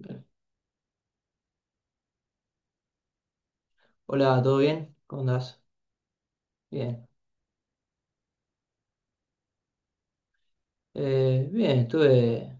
Bien. Hola, ¿todo bien? ¿Cómo andás? Bien. Bien, estuve.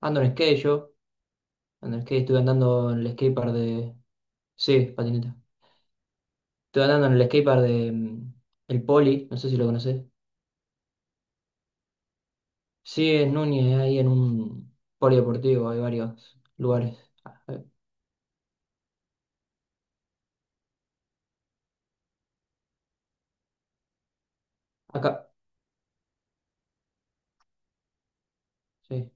Ando en skate yo. Ando en skate, estuve andando en el skatepark de. Sí, patineta. Estuve andando en el skatepark de. El Poli, no sé si lo conocés. Sí, en Núñez, ahí en un polideportivo, hay varios lugares. Ah, acá, sí.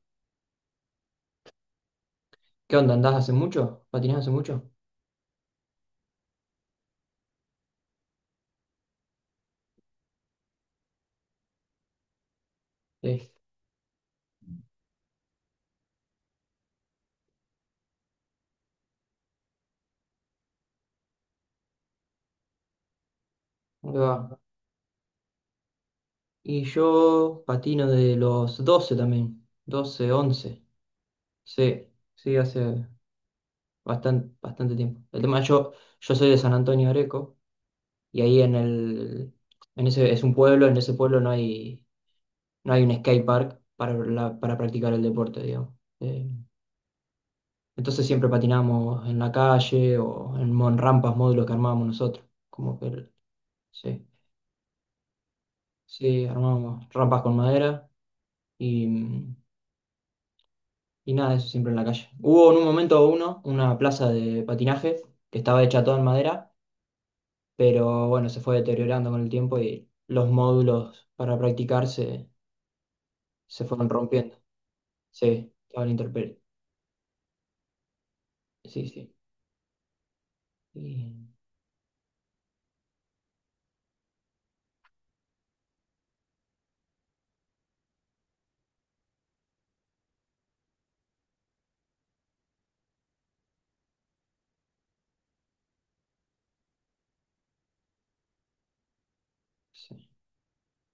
¿Qué onda? ¿Andás hace mucho? ¿Patinás hace mucho? Sí. ¿Cómo te va? Y yo patino de los 12 también. 12, 11. Sí, sí, hace bastante, bastante tiempo. El tema, yo soy de San Antonio de Areco y ahí en ese, es un pueblo, en ese pueblo no hay un skate park para practicar el deporte, digamos. Eh, entonces siempre patinamos en la calle o rampas, módulos que armábamos nosotros. Como que, sí, sí, armábamos rampas con madera y, y nada, eso siempre en la calle. Hubo en un momento una plaza de patinaje que estaba hecha toda en madera, pero bueno, se fue deteriorando con el tiempo y los módulos para practicar se fueron rompiendo. Sí, estaba la intemperie. Sí, sí. Y- sí.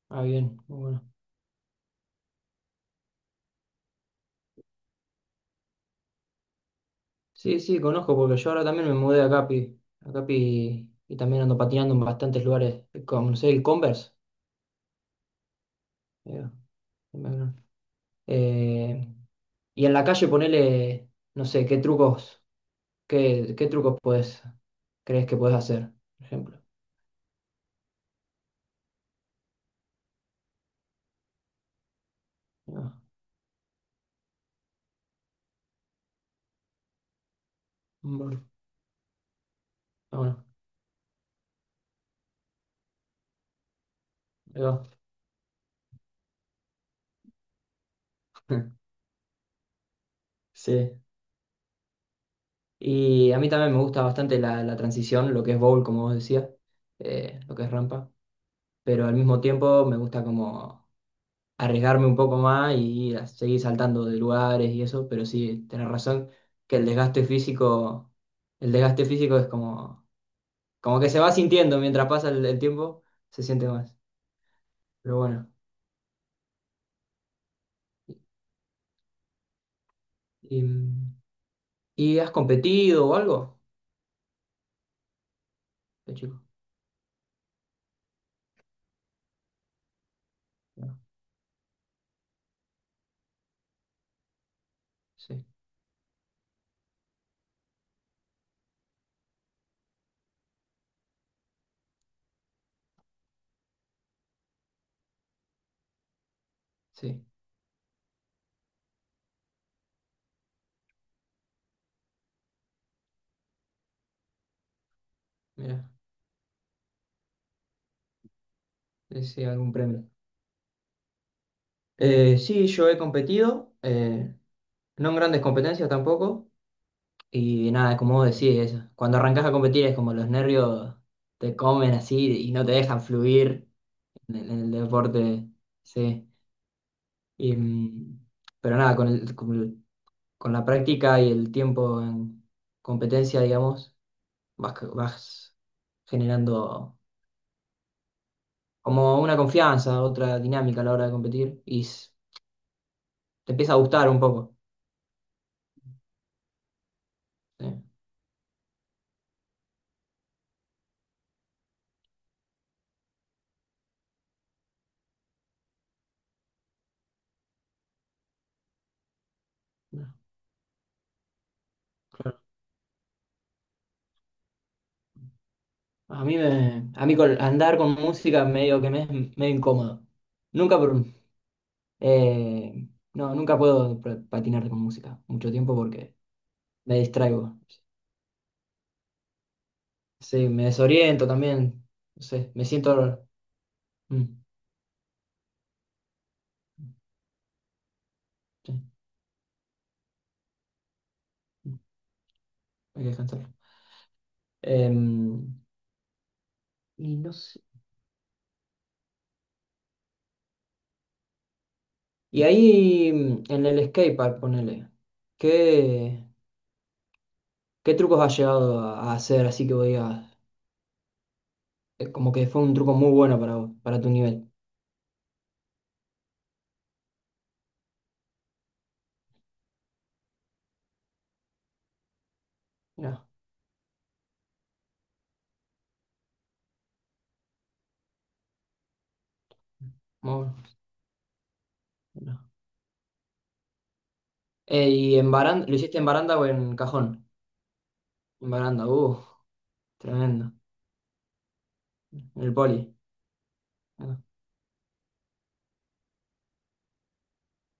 Ah, bien, muy bueno. Sí, sí, conozco, porque yo ahora también me mudé a Capi, y también ando patinando en bastantes lugares, como no sé, el Converse. eh, bueno, eh, y en la calle ponele, no sé, qué trucos, qué trucos crees que puedes hacer, por ejemplo. Ahí va. Bueno, ahí va. Sí. Y a mí también me gusta bastante la transición, lo que es bowl, como vos decías, lo que es rampa. Pero al mismo tiempo me gusta como arriesgarme un poco más y seguir saltando de lugares y eso. Pero sí, tenés razón que el desgaste físico es como que se va sintiendo mientras pasa el tiempo, se siente más. Pero bueno. ¿Y, y has competido o algo? ¿De chico? No. Sí, sí, mira, sí algún premio. Sí, yo he competido, no en grandes competencias tampoco, y nada, como vos decís, eso. Cuando arrancás a competir es como los nervios te comen así y no te dejan fluir en el deporte, sí. Y, pero nada, con la práctica y el tiempo en competencia, digamos, vas generando como una confianza, otra dinámica a la hora de competir y te empieza a gustar un poco. Sí. A mí con, andar con música medio que me es medio incómodo. Nunca, eh, no, nunca puedo patinar con música mucho tiempo porque me distraigo. Sí, me desoriento también. No sé, me siento. mm, sí, mm, hay que descansar. Em, y no sé. Y ahí en el skatepark, ponele. ¿Qué, qué trucos has llegado a hacer? Así que voy a. Como que fue un truco muy bueno para, vos, para tu nivel. Mirá. Muy bueno. No. ¿Y en baranda, lo hiciste en baranda o en cajón? En baranda, tremendo. En el poli. Ah.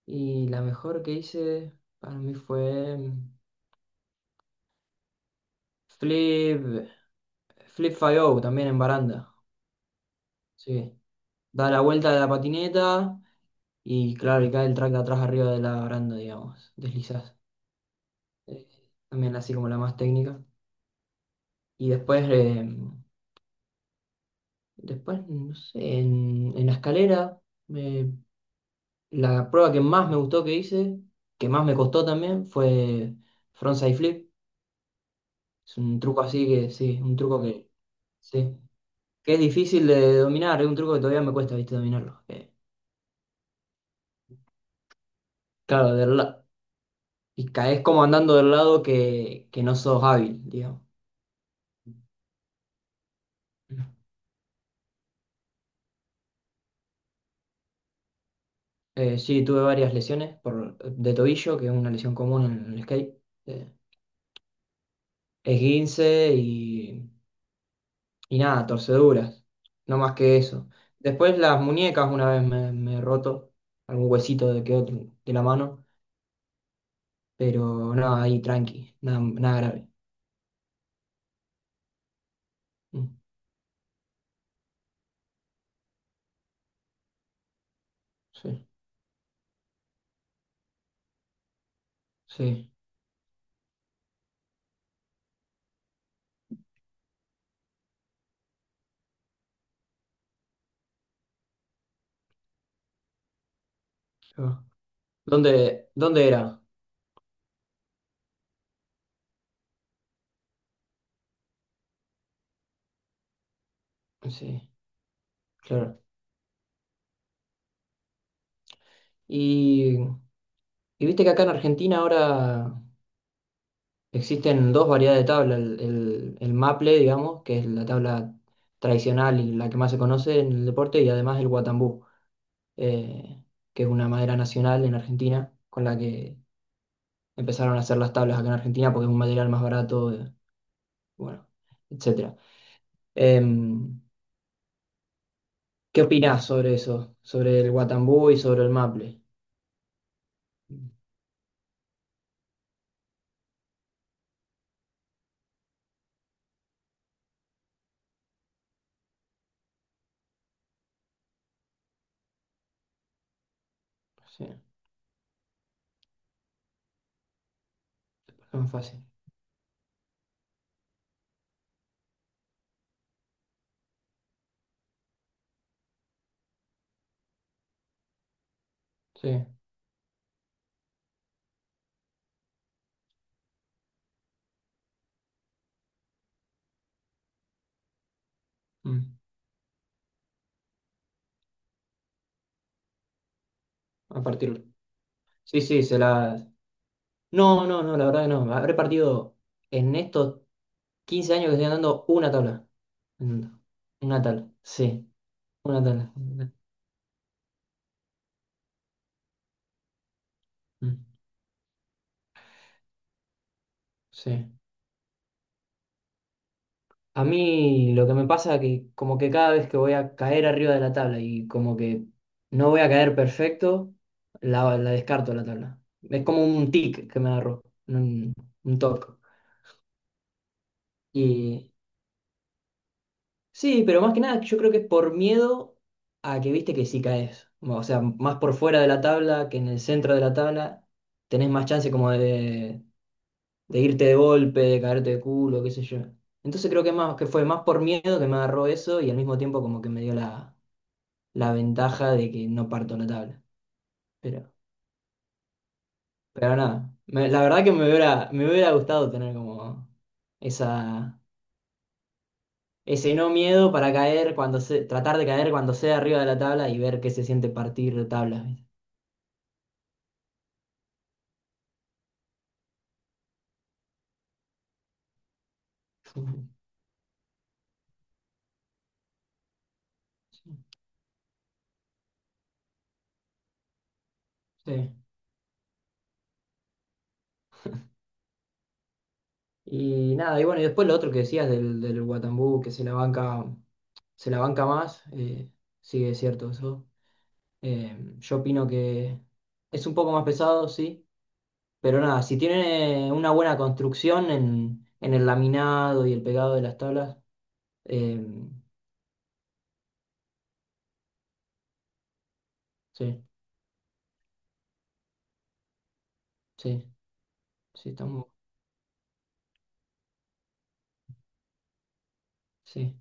Y la mejor que hice para mí fue Flip, Flip 5 también en baranda. Sí. Da la vuelta de la patineta y claro, y cae el track de atrás arriba de la baranda, digamos. Deslizás. Eh, También así como la más técnica. Y después, no sé, en, la escalera. Me La prueba que más me gustó que hice, que más me costó también, fue frontside flip. Es un truco así que, sí, un truco que, sí, que es difícil de dominar, es un truco que todavía me cuesta, viste, dominarlo. Claro, y caes como andando del lado que no sos hábil, digamos. Sí, tuve varias lesiones por, de tobillo, que es una lesión común en el skate. Eh, Esguince y nada, torceduras, no más que eso. Después las muñecas, una vez me he roto algún huesito de que otro, de la mano, pero nada, ahí tranqui, nada, nada grave. Mm, sí, sí. Claro. ¿Dónde era? Sí, claro. Y, y viste que acá en Argentina ahora existen dos variedades de tabla, el maple, digamos, que es la tabla tradicional y la que más se conoce en el deporte, y además el guatambú. eh, que es una madera nacional en Argentina, con la que empezaron a hacer las tablas acá en Argentina porque es un material más barato, bueno, etcétera. Em, ¿Qué opinás sobre eso? Sobre el Guatambú y sobre el maple. Sí, no es fácil. Sí, mm, a partir. Sí, sí, se la. No, no, no, la verdad que no. Habré partido en estos 15 años que estoy andando una tabla. Andando. Una tabla, sí, una tabla. Mm, sí. A mí lo que me pasa es que como que cada vez que voy a caer arriba de la tabla y como que no voy a caer perfecto, la descarto la tabla. Es como un tic que me agarró, un toque. Y sí, pero más que nada yo creo que es por miedo a que viste que si caes. O sea, más por fuera de la tabla que en el centro de la tabla, tenés más chance como de irte de golpe, de caerte de culo, qué sé yo. Entonces creo que más que fue más por miedo que me agarró eso y al mismo tiempo como que me dio la ventaja de que no parto la tabla. Pero, pero nada, la verdad que me hubiera gustado tener como esa, ese no miedo para caer cuando se, tratar de caer cuando sea arriba de la tabla y ver qué se siente partir de tablas. ¿Viste? Sí. Y nada, y bueno, y después lo otro que decías del Guatambú, que se la banca más, sí, es cierto eso. Yo opino que es un poco más pesado, sí, pero nada, si tiene una buena construcción en, el laminado y el pegado de las tablas, eh, sí, sí, sí, está muy, bueno, sí.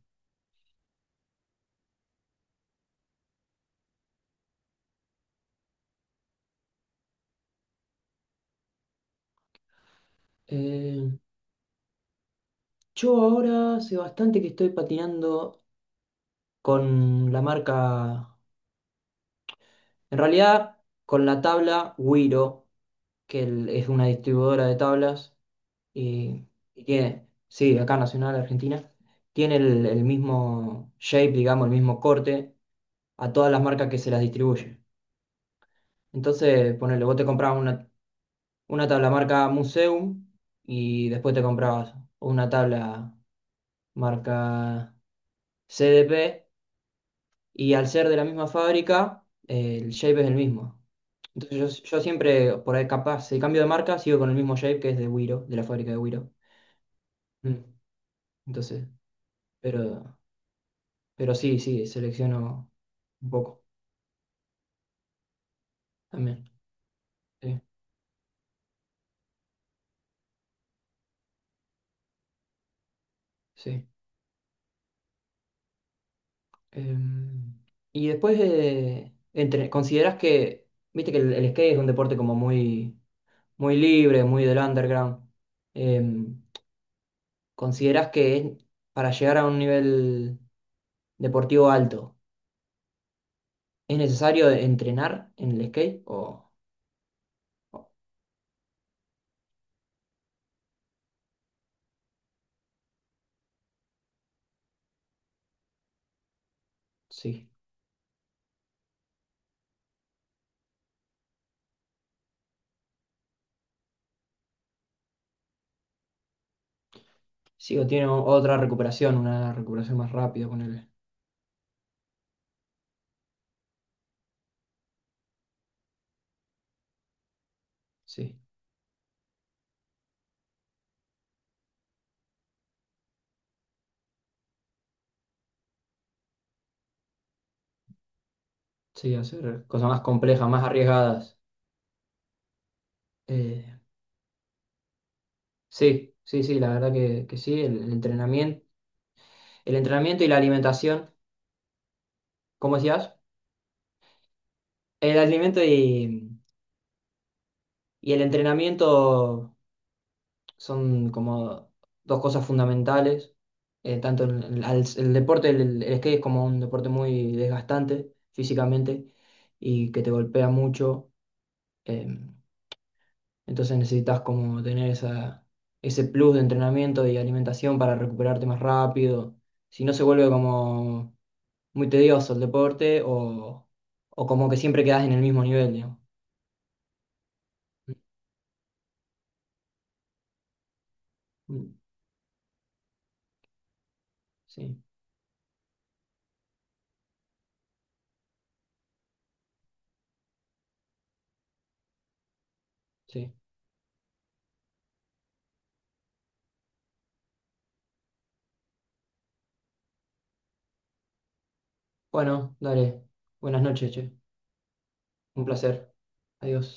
Eh, yo ahora hace bastante que estoy patinando con la marca, en realidad con la tabla Wiro, que es una distribuidora de tablas y, y tiene, sí, acá Nacional Argentina, tiene el mismo shape, digamos, el mismo corte a todas las marcas que se las distribuye. Entonces, ponele, vos te comprabas una tabla marca Museum y después te comprabas una tabla marca CDP y al ser de la misma fábrica, el shape es el mismo. Entonces yo siempre, por ahí capaz, si cambio de marca, sigo con el mismo shape que es de Wiro, de la fábrica de Wiro. Mm. Entonces, pero, pero sí, sí, selecciono un poco también. Sí, sí. Em, y después, ¿Consideras que, viste que el skate es un deporte como muy, muy libre, muy del underground? Em, ¿Consideras que para llegar a un nivel deportivo alto, es necesario entrenar en el skate? O- sí? Sí, o tiene otra recuperación, una recuperación más rápida, ponele. Sí, sí, hacer cosas más complejas, más arriesgadas. Eh, sí, sí, sí, la verdad que sí, el entrenamiento. El entrenamiento y la alimentación, ¿cómo decías? El alimento y el entrenamiento son como dos cosas fundamentales. Tanto deporte, el skate es como un deporte muy desgastante físicamente y que te golpea mucho. em, Entonces necesitas como tener esa, ese plus de entrenamiento y alimentación para recuperarte más rápido. Si no se vuelve como muy tedioso el deporte o como que siempre quedas en el mismo nivel, digamos. Mm, mm, sí, sí. Bueno, dale. Buenas noches, che. Un placer. Adiós.